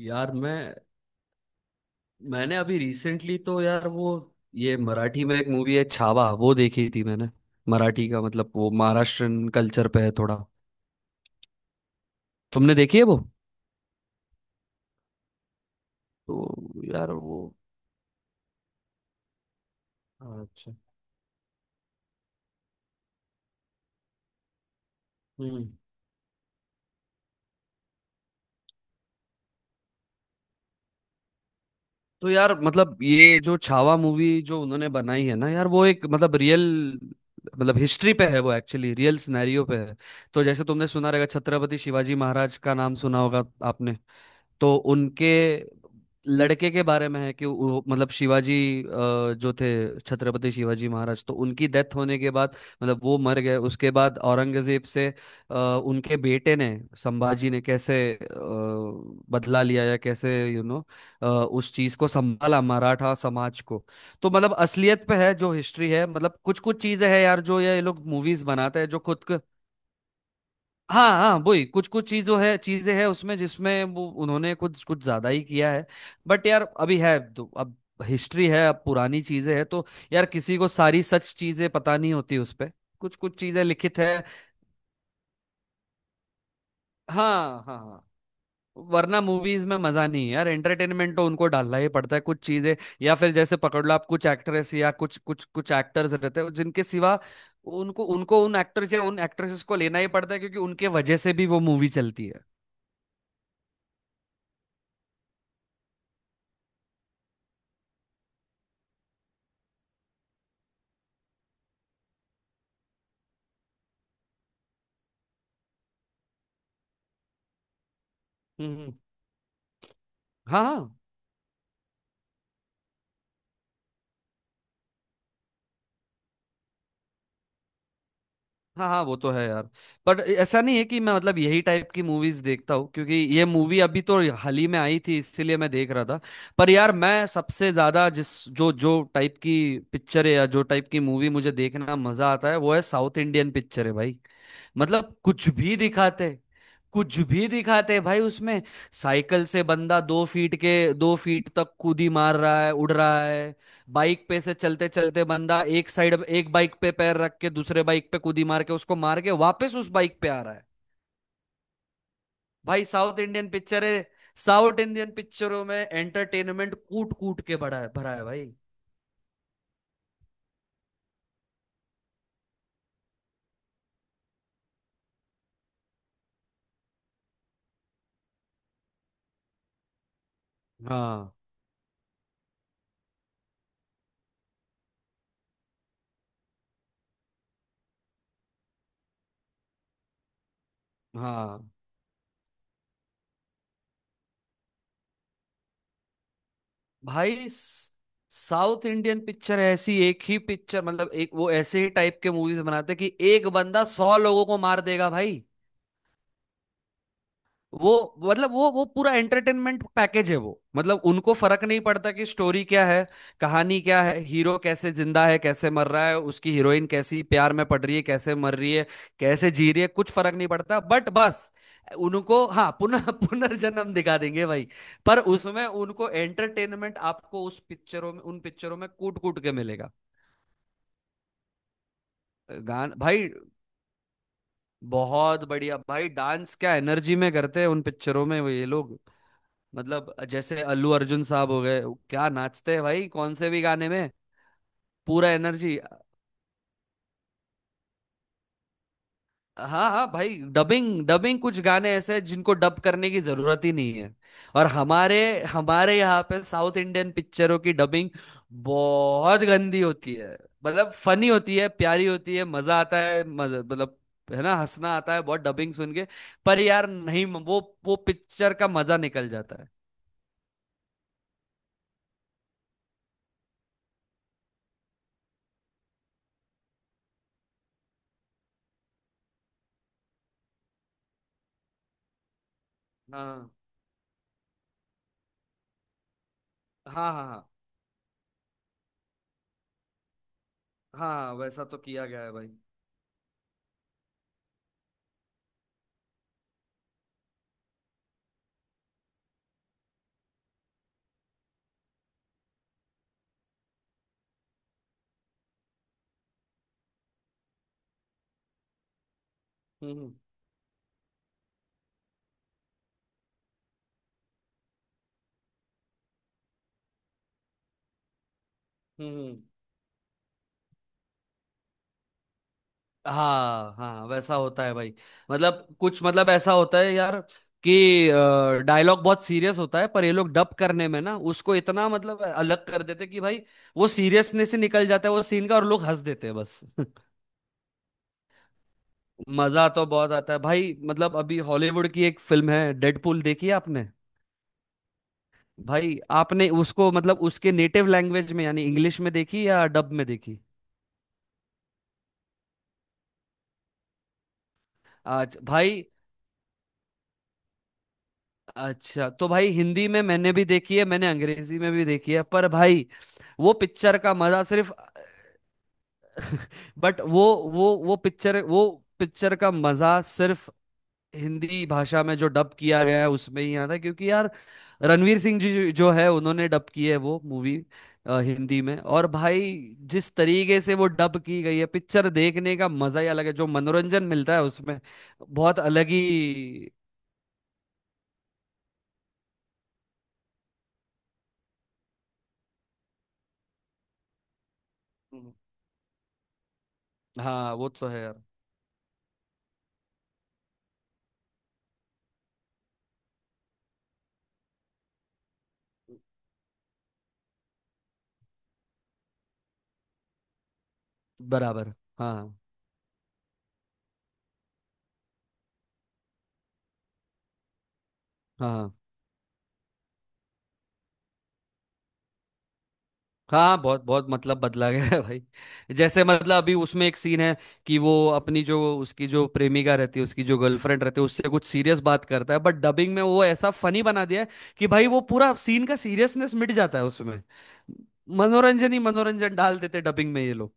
यार मैंने अभी रिसेंटली तो यार वो ये मराठी में एक मूवी है छावा वो देखी थी मैंने। मराठी का मतलब वो महाराष्ट्रन कल्चर पे है थोड़ा। तुमने देखी है वो? तो यार वो। अच्छा। हम्म। तो यार मतलब ये जो छावा मूवी जो उन्होंने बनाई है ना यार वो एक मतलब रियल मतलब हिस्ट्री पे है, वो एक्चुअली रियल सिनेरियो पे है। तो जैसे तुमने सुना रहेगा, छत्रपति शिवाजी महाराज का नाम सुना होगा आपने? तो उनके लड़के के बारे में है कि वो मतलब शिवाजी, जो थे छत्रपति शिवाजी महाराज, तो उनकी डेथ होने के बाद मतलब वो मर गए, उसके बाद औरंगजेब से अ, उनके बेटे ने संभाजी ने कैसे बदला लिया या कैसे उस चीज को संभाला मराठा समाज को। तो मतलब असलियत पे है जो हिस्ट्री है, मतलब कुछ कुछ चीजें हैं यार जो ये लोग मूवीज बनाते हैं जो खुद। हाँ हाँ, वही कुछ कुछ चीजों है चीजें हैं उसमें जिसमें वो उन्होंने कुछ कुछ ज्यादा ही किया है। बट यार अभी है तो अब हिस्ट्री है, अब पुरानी चीजें हैं तो यार किसी को सारी सच चीजें पता नहीं होती उस पे, कुछ कुछ चीजें लिखित है। हाँ हाँ हाँ। वरना मूवीज में मजा नहीं है यार, एंटरटेनमेंट तो उनको डालना ही पड़ता है कुछ चीजें। या फिर जैसे पकड़ लो आप कुछ एक्ट्रेस या कुछ कुछ कुछ एक्टर्स रहते हैं जिनके सिवा उनको उनको उन एक्टर्स या उन एक्ट्रेसेस को लेना ही पड़ता है क्योंकि उनके वजह से भी वो मूवी चलती है। हम्म। हाँ हाँ हाँ, वो तो है यार। पर ऐसा नहीं है कि मैं मतलब यही टाइप की मूवीज देखता हूँ क्योंकि ये मूवी अभी तो हाल ही में आई थी इसीलिए मैं देख रहा था। पर यार मैं सबसे ज्यादा जिस जो जो टाइप की पिक्चर है या जो टाइप की मूवी मुझे देखना मजा आता है वो है साउथ इंडियन पिक्चर है भाई। मतलब कुछ भी दिखाते, कुछ भी दिखाते भाई उसमें। साइकिल से बंदा दो फीट के दो फीट तक कूदी मार रहा है, उड़ रहा है। बाइक पे से चलते चलते बंदा एक साइड एक बाइक पे पैर रख के दूसरे बाइक पे कूदी मार के उसको मार के वापस उस बाइक पे आ रहा है। भाई साउथ इंडियन पिक्चर है, साउथ इंडियन पिक्चरों में एंटरटेनमेंट कूट कूट के भरा है, भरा है भाई। हाँ हाँ भाई, साउथ इंडियन पिक्चर ऐसी एक ही पिक्चर, मतलब एक वो ऐसे ही टाइप के मूवीज बनाते कि एक बंदा सौ लोगों को मार देगा भाई। वो मतलब वो पूरा एंटरटेनमेंट पैकेज है वो, मतलब उनको फर्क नहीं पड़ता कि स्टोरी क्या है, कहानी क्या है, हीरो कैसे जिंदा है कैसे मर रहा है, उसकी हीरोइन कैसी प्यार में पड़ रही है कैसे मर रही है कैसे जी रही है, कुछ फर्क नहीं पड़ता। बट बस उनको हाँ पुनः पुनर्जन्म दिखा देंगे भाई। पर उसमें उनको एंटरटेनमेंट आपको उस पिक्चरों में उन पिक्चरों में कूट कूट के मिलेगा। गान भाई, बहुत बढ़िया भाई, डांस क्या एनर्जी में करते हैं उन पिक्चरों में वो ये लोग। मतलब जैसे अल्लू अर्जुन साहब हो गए, क्या नाचते हैं भाई कौन से भी गाने में। पूरा एनर्जी। हाँ हाँ भाई, डबिंग डबिंग कुछ गाने ऐसे हैं जिनको डब करने की जरूरत ही नहीं है। और हमारे हमारे यहाँ पे साउथ इंडियन पिक्चरों की डबिंग बहुत गंदी होती है। मतलब फनी होती है, प्यारी होती है, मजा आता है, मजा मतलब, है ना? हंसना आता है बहुत डबिंग सुन के। पर यार नहीं, वो वो पिक्चर का मजा निकल जाता है। हाँ हाँ हाँ, हाँ हाँ वैसा तो किया गया है भाई। हम्म। हम्म। हम्म। हाँ हाँ वैसा होता है भाई, मतलब कुछ मतलब ऐसा होता है यार कि डायलॉग बहुत सीरियस होता है पर ये लोग डब करने में ना उसको इतना मतलब अलग कर देते कि भाई वो सीरियसनेस से निकल जाता है वो सीन का और लोग हंस देते हैं बस। मजा तो बहुत आता है भाई, मतलब अभी हॉलीवुड की एक फिल्म है डेडपूल, देखी है आपने? भाई आपने उसको मतलब उसके नेटिव लैंग्वेज में यानी इंग्लिश में देखी या डब में देखी? आज भाई अच्छा, तो भाई हिंदी में मैंने भी देखी है, मैंने अंग्रेजी में भी देखी है पर भाई वो पिक्चर का मजा सिर्फ, बट वो वो पिक्चर वो पिक्चर का मजा सिर्फ हिंदी भाषा में जो डब किया गया है उसमें ही आता है क्योंकि यार रणवीर सिंह जी जो जो है उन्होंने डब की है वो मूवी हिंदी में। और भाई जिस तरीके से वो डब की गई है पिक्चर देखने का मजा ही अलग है, जो मनोरंजन मिलता है उसमें बहुत अलग ही। हाँ वो तो है यार। बराबर। हाँ हाँ हाँ। हाँ बहुत बहुत मतलब बदला गया है भाई। जैसे मतलब अभी उसमें एक सीन है कि वो अपनी जो उसकी जो प्रेमिका रहती है उसकी जो गर्लफ्रेंड रहती है उससे कुछ सीरियस बात करता है बट डबिंग में वो ऐसा फनी बना दिया है कि भाई वो पूरा सीन का सीरियसनेस मिट जाता है उसमें। मनोरंजन ही मनोरंजन डाल देते डबिंग में ये लोग।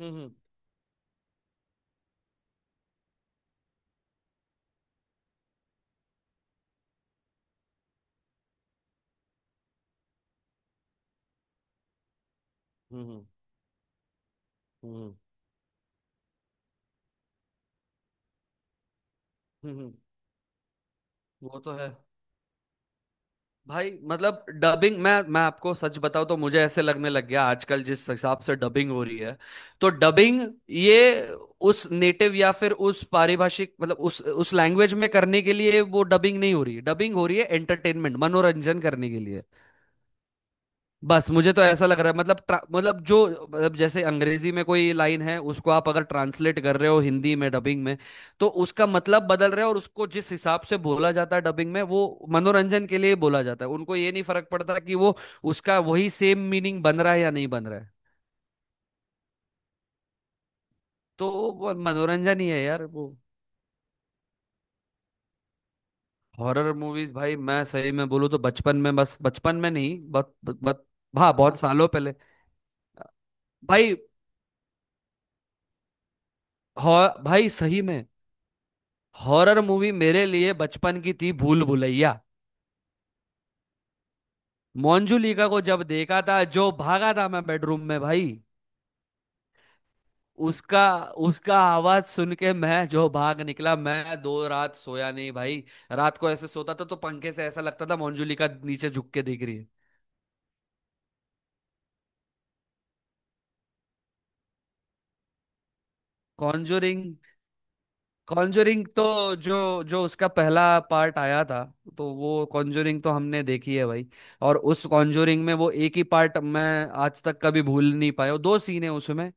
हम्म। हम्म। हम्म। हम्म। हम्म, हम्म, वो तो है भाई। मतलब डबिंग मैं आपको सच बताऊं तो मुझे ऐसे लगने लग गया आजकल जिस हिसाब से डबिंग हो रही है, तो डबिंग ये उस नेटिव या फिर उस पारिभाषिक मतलब उस लैंग्वेज में करने के लिए वो डबिंग नहीं हो रही, डबिंग हो रही है एंटरटेनमेंट मनोरंजन करने के लिए बस। मुझे तो ऐसा लग रहा है मतलब मतलब जो मतलब जैसे अंग्रेजी में कोई लाइन है उसको आप अगर ट्रांसलेट कर रहे हो हिंदी में डबिंग में तो उसका मतलब बदल रहा है, और उसको जिस हिसाब से बोला जाता है डबिंग में वो मनोरंजन के लिए बोला जाता है, उनको ये नहीं फर्क पड़ता कि वो उसका वही सेम मीनिंग बन रहा है या नहीं बन रहा है। तो वो मनोरंजन ही है यार वो। हॉरर मूवीज भाई मैं सही में बोलूँ तो बचपन में, बस बचपन में नहीं, बहुत बहुत, हाँ बहुत सालों पहले भाई। भाई सही में हॉरर मूवी मेरे लिए बचपन की थी भूल भुलैया। मोंजुलिका को जब देखा था जो भागा था मैं बेडरूम में भाई। उसका, उसका आवाज सुन के मैं जो भाग निकला मैं दो रात सोया नहीं भाई। रात को ऐसे सोता था तो पंखे से ऐसा लगता था मोंजुलिका नीचे झुक के देख रही है। कॉन्जोरिंग, कॉन्जरिंग तो जो जो उसका पहला पार्ट आया था तो वो कॉन्जरिंग तो हमने देखी है भाई। और उस कॉन्जरिंग में वो एक ही पार्ट मैं आज तक कभी भूल नहीं पाया, वो दो सीन है उसमें।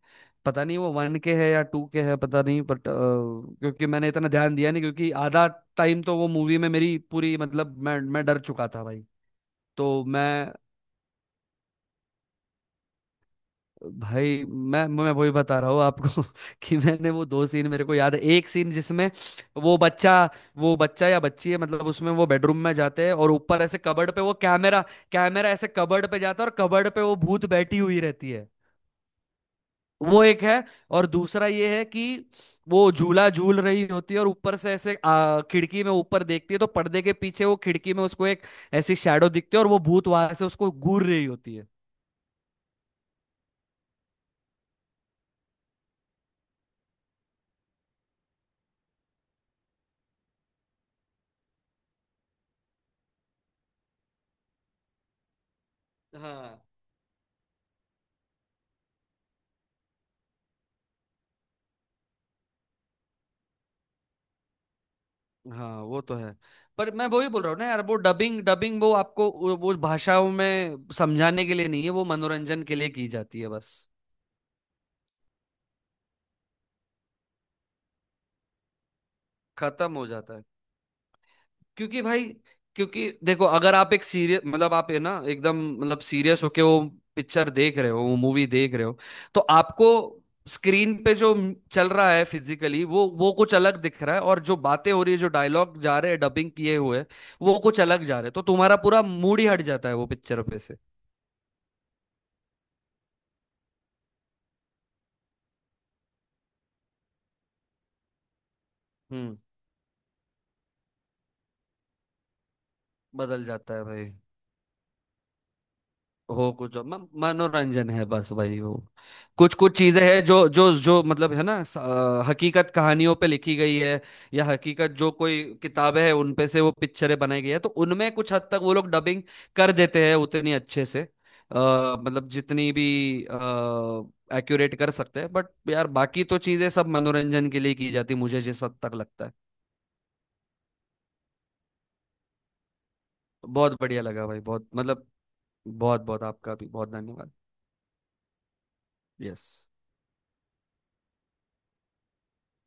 पता नहीं वो वन के है या टू के है, पता नहीं, बट क्योंकि मैंने इतना ध्यान दिया नहीं क्योंकि आधा टाइम तो वो मूवी में मेरी पूरी मतलब मैं डर चुका था भाई। तो मैं भाई मैं वही बता रहा हूँ आपको कि मैंने वो दो सीन मेरे को याद है, एक सीन जिसमें वो बच्चा, वो बच्चा या बच्ची है मतलब उसमें वो बेडरूम में जाते हैं और ऊपर ऐसे कबर्ड पे वो कैमरा, कैमरा ऐसे कबर्ड पे जाता है और कबर्ड पे वो भूत बैठी हुई रहती है। वो एक है। और दूसरा ये है कि वो झूला झूल रही होती है और ऊपर से ऐसे खिड़की में ऊपर देखती है तो पर्दे के पीछे वो खिड़की में उसको एक ऐसी शैडो दिखती है और वो भूत वहां से उसको घूर रही होती है। हाँ हाँ वो तो है। पर मैं वही बोल रहा हूँ ना यार वो डबिंग डबिंग वो आपको वो भाषाओं में समझाने के लिए नहीं है, वो मनोरंजन के लिए की जाती है बस। खत्म हो जाता है क्योंकि भाई, क्योंकि देखो अगर आप एक सीरियस मतलब आप है ना एकदम मतलब सीरियस होके वो पिक्चर देख रहे हो वो मूवी देख रहे हो तो आपको स्क्रीन पे जो चल रहा है फिजिकली वो कुछ अलग दिख रहा है और जो बातें हो रही है जो डायलॉग जा रहे हैं डबिंग किए हुए वो कुछ अलग जा रहे हैं तो तुम्हारा पूरा मूड ही हट जाता है वो पिक्चर पे से। हम्म। बदल जाता है भाई। हो कुछ मनोरंजन है बस भाई वो। कुछ कुछ चीजें हैं जो जो जो मतलब है ना हकीकत कहानियों पे लिखी गई है या हकीकत जो कोई किताबें हैं उन पे से वो पिक्चरें बनाई गई है तो उनमें कुछ हद तक वो लोग डबिंग कर देते हैं उतनी अच्छे से अ, मतलब जितनी भी एक्यूरेट कर सकते हैं बट यार बाकी तो चीजें सब मनोरंजन के लिए की जाती मुझे जिस हद तक लगता है। बहुत बढ़िया लगा भाई बहुत मतलब। बहुत बहुत आपका भी बहुत धन्यवाद। यस।